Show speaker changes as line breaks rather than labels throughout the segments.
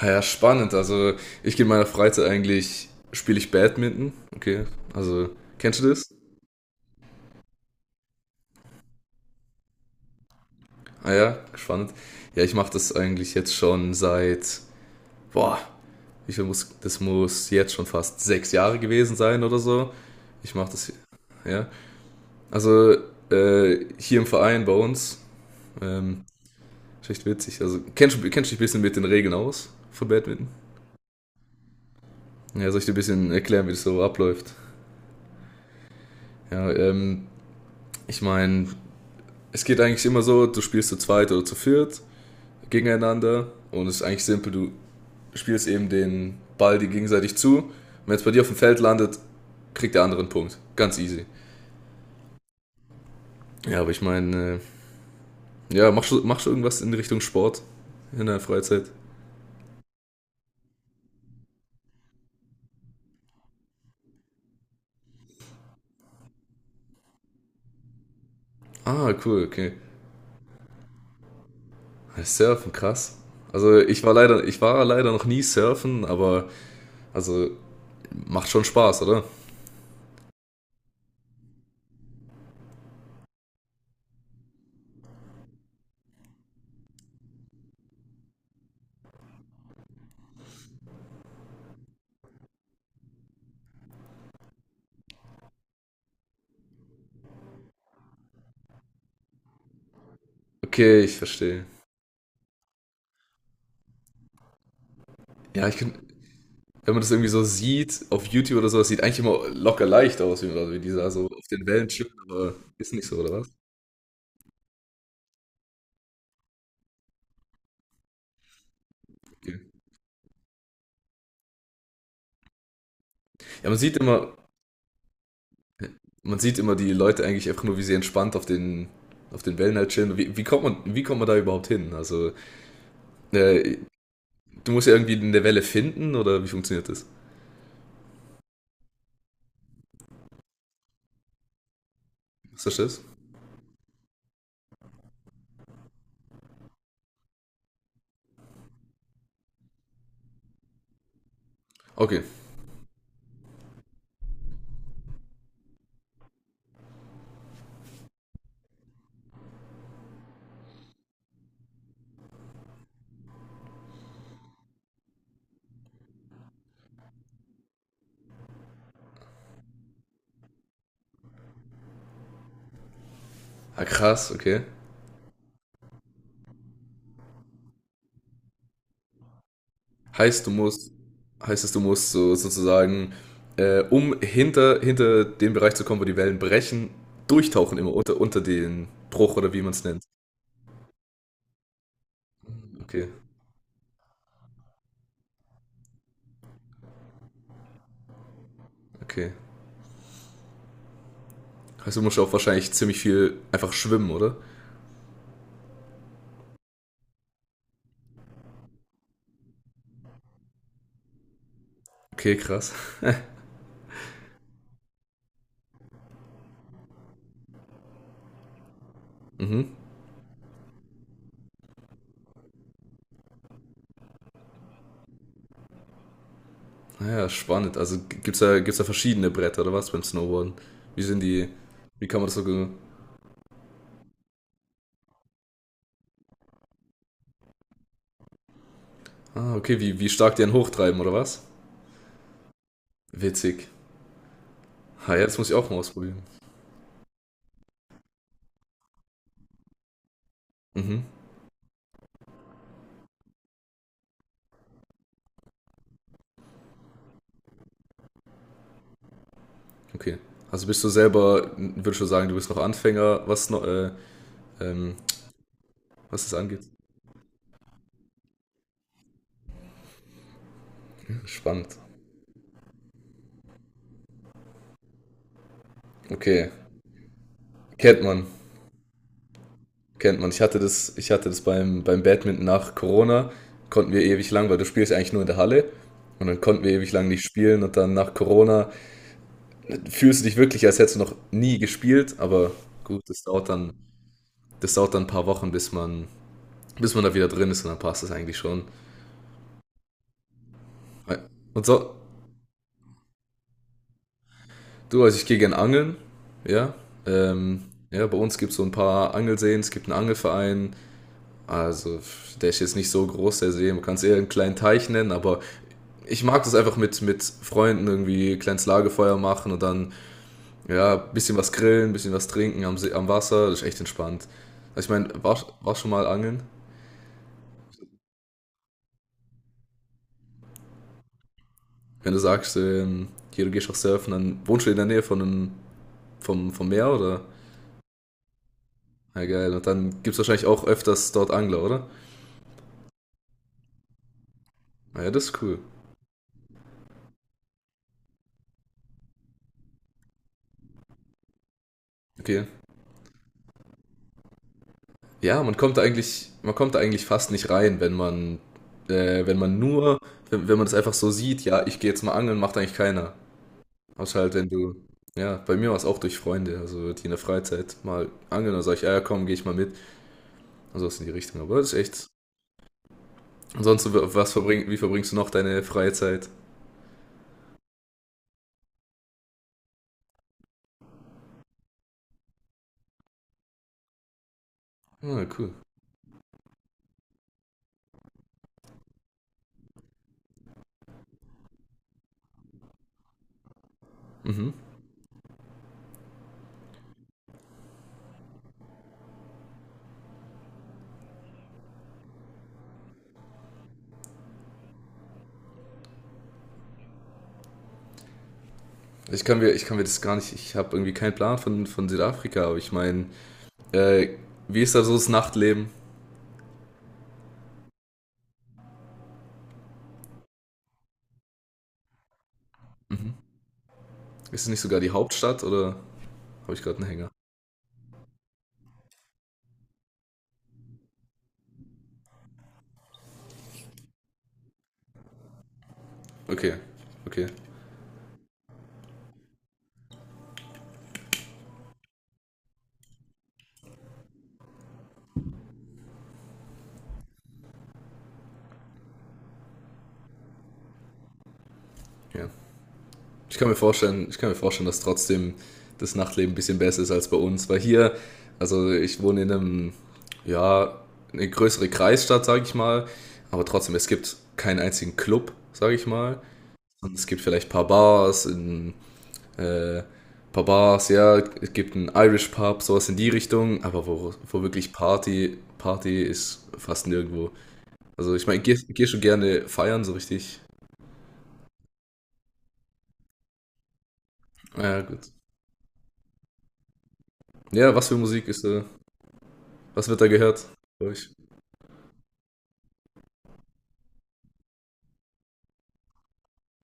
Ja, ja, spannend. Also ich gehe in meiner Freizeit eigentlich, spiele ich Badminton. Okay, also kennst du das? Ah ja, spannend. Ja, ich mache das eigentlich jetzt schon seit, boah, ich muss, das muss jetzt schon fast 6 Jahre gewesen sein oder so. Ich mache das, ja. Also hier im Verein bei uns, ähm, ist echt witzig. Also kennst du dich ein bisschen mit den Regeln aus von Badminton? Ja, soll ich dir ein bisschen erklären, wie das so abläuft? Ja, ich meine, es geht eigentlich immer so, du spielst zu zweit oder zu viert gegeneinander und es ist eigentlich simpel, du spielst eben den Ball die gegenseitig zu. Wenn es bei dir auf dem Feld landet, kriegt der andere einen Punkt. Ganz easy. Ja, aber ich meine, ja, machst du irgendwas in Richtung Sport in der Freizeit? Ah, cool, okay. Surfen, krass. Also ich war leider noch nie surfen, aber also macht schon Spaß, oder? Okay, ich verstehe. Ja, ich könnte, wenn man das irgendwie so sieht, auf YouTube oder so, das sieht eigentlich immer locker leicht aus, wie, also wie die da so auf den Wellen chippen, aber ist nicht so, oder was? Okay. Ja, man sieht immer, man sieht immer die Leute eigentlich einfach nur, wie sie entspannt auf den Wellen halt chillen. Wie kommt man da überhaupt hin? Also, äh, du musst ja irgendwie in der Welle finden, oder wie funktioniert das? Ist das das? Okay. Ah, krass, okay. Heißt, du musst, heißt es, du musst so, sozusagen, um hinter den Bereich zu kommen, wo die Wellen brechen, durchtauchen immer unter den Bruch oder wie man es nennt. Okay, okay. Heißt, du musst auch wahrscheinlich ziemlich viel einfach schwimmen, oder? Okay, krass. Mhm. Naja, spannend. Also gibt's da verschiedene Bretter oder was beim Snowboarden? Wie sind die, wie kann man das so, ge- ah, okay, wie, wie stark die einen hochtreiben oder was? Witzig. Ah, ja, das muss ich auch mal ausprobieren. Mhm. Okay. Also bist du selber, würdest schon sagen, du bist noch Anfänger, was noch, ähm, was das angeht? Spannend. Okay. Kennt man. Kennt man. Ich hatte das beim, beim Badminton nach Corona, konnten wir ewig lang, weil du spielst eigentlich nur in der Halle. Und dann konnten wir ewig lang nicht spielen und dann nach Corona fühlst du dich wirklich, als hättest du noch nie gespielt, aber gut, das dauert dann ein paar Wochen, bis man da wieder drin ist und dann passt das eigentlich schon. Und so, du, also ich gehe gern angeln, ja. Ähm, ja, bei uns gibt es so ein paar Angelseen, es gibt einen Angelverein, also der ist jetzt nicht so groß, der See, man kann es eher einen kleinen Teich nennen, aber ich mag das einfach mit Freunden irgendwie kleines Lagerfeuer machen und dann, ja, bisschen was grillen, bisschen was trinken am, See, am Wasser, das ist echt entspannt. Also ich meine, war, war schon mal angeln? Wenn du sagst, hier, du gehst auch surfen, dann wohnst du in der Nähe von einem, vom, vom Meer, oder? Ja, geil. Und dann gibt es wahrscheinlich auch öfters dort Angler, oder? Ah ja, das ist cool. Okay. Man kommt da eigentlich fast nicht rein, wenn man, wenn man nur, wenn, wenn man das einfach so sieht, ja, ich gehe jetzt mal angeln, macht eigentlich keiner. Außer halt, wenn du, ja, bei mir war es auch durch Freunde, also die in der Freizeit mal angeln, dann sag ich, ah, ja, komm, gehe ich mal mit. Und sowas in die Richtung. Aber das ist echt. Ansonsten, wie verbringst du noch deine freie Zeit? Ah, cool. Mhm. Ich kann mir das gar nicht, ich habe irgendwie keinen Plan von Südafrika, aber ich meine, äh, wie ist da so das Nachtleben? Ist es nicht sogar die Hauptstadt oder? Habe ich gerade einen Hänger. Okay, okay, ja. Ich kann mir vorstellen, dass trotzdem das Nachtleben ein bisschen besser ist als bei uns, weil hier, also ich wohne in einem, ja, eine größere Kreisstadt, sage ich mal, aber trotzdem, es gibt keinen einzigen Club, sage ich mal. Und es gibt vielleicht ein äh, paar Bars, ja, es gibt einen Irish Pub, sowas in die Richtung, aber wo, wo wirklich Party, Party ist fast nirgendwo. Also ich meine, ich gehe geh schon gerne feiern, so richtig. Ja, gut. Ja, was für Musik ist da? Was wird da gehört, bei euch?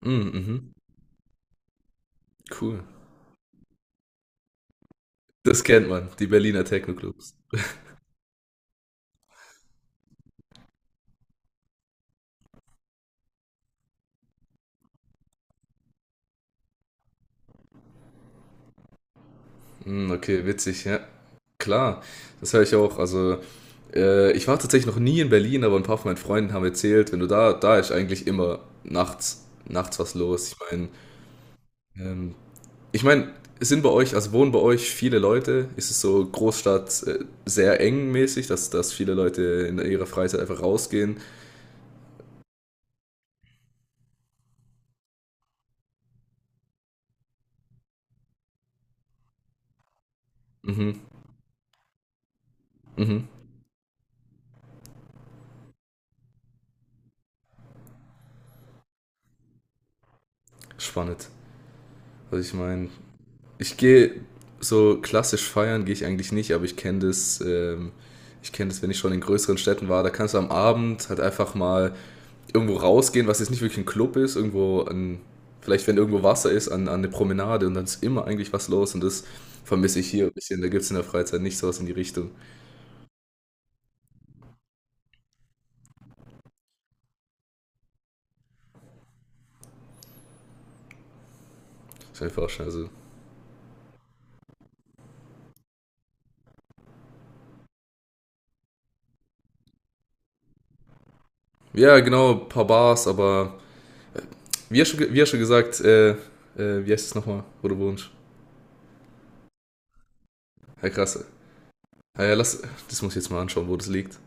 Mm, mhm. Cool. Das kennt man, die Berliner Techno-Clubs. Mm, okay, witzig, ja. Klar, das höre ich auch. Also, ich war tatsächlich noch nie in Berlin, aber ein paar von meinen Freunden haben erzählt, wenn du da, da ist eigentlich immer nachts, nachts was los. Ähm, ich meine, sind bei euch, also wohnen bei euch viele Leute? Ist es so Großstadt sehr eng mäßig, dass, dass viele Leute in ihrer Freizeit einfach rausgehen? Mhm, mhm. Spannend. Also ich meine, ich gehe so klassisch feiern gehe ich eigentlich nicht, aber ich kenne das, wenn ich schon in größeren Städten war, da kannst du am Abend halt einfach mal irgendwo rausgehen, was jetzt nicht wirklich ein Club ist, irgendwo an, vielleicht wenn irgendwo Wasser ist, an, an eine Promenade und dann ist immer eigentlich was los und das vermisse ich hier ein bisschen. Da gibt es in der Freizeit nicht sowas in die Richtung. Ist einfach schon, also. Ja, genau, ein paar Bars, aber wie ja schon gesagt, wie heißt es nochmal, wo du wohnst? Herr krass. Ah ja, lass, das muss ich jetzt mal anschauen, wo das liegt.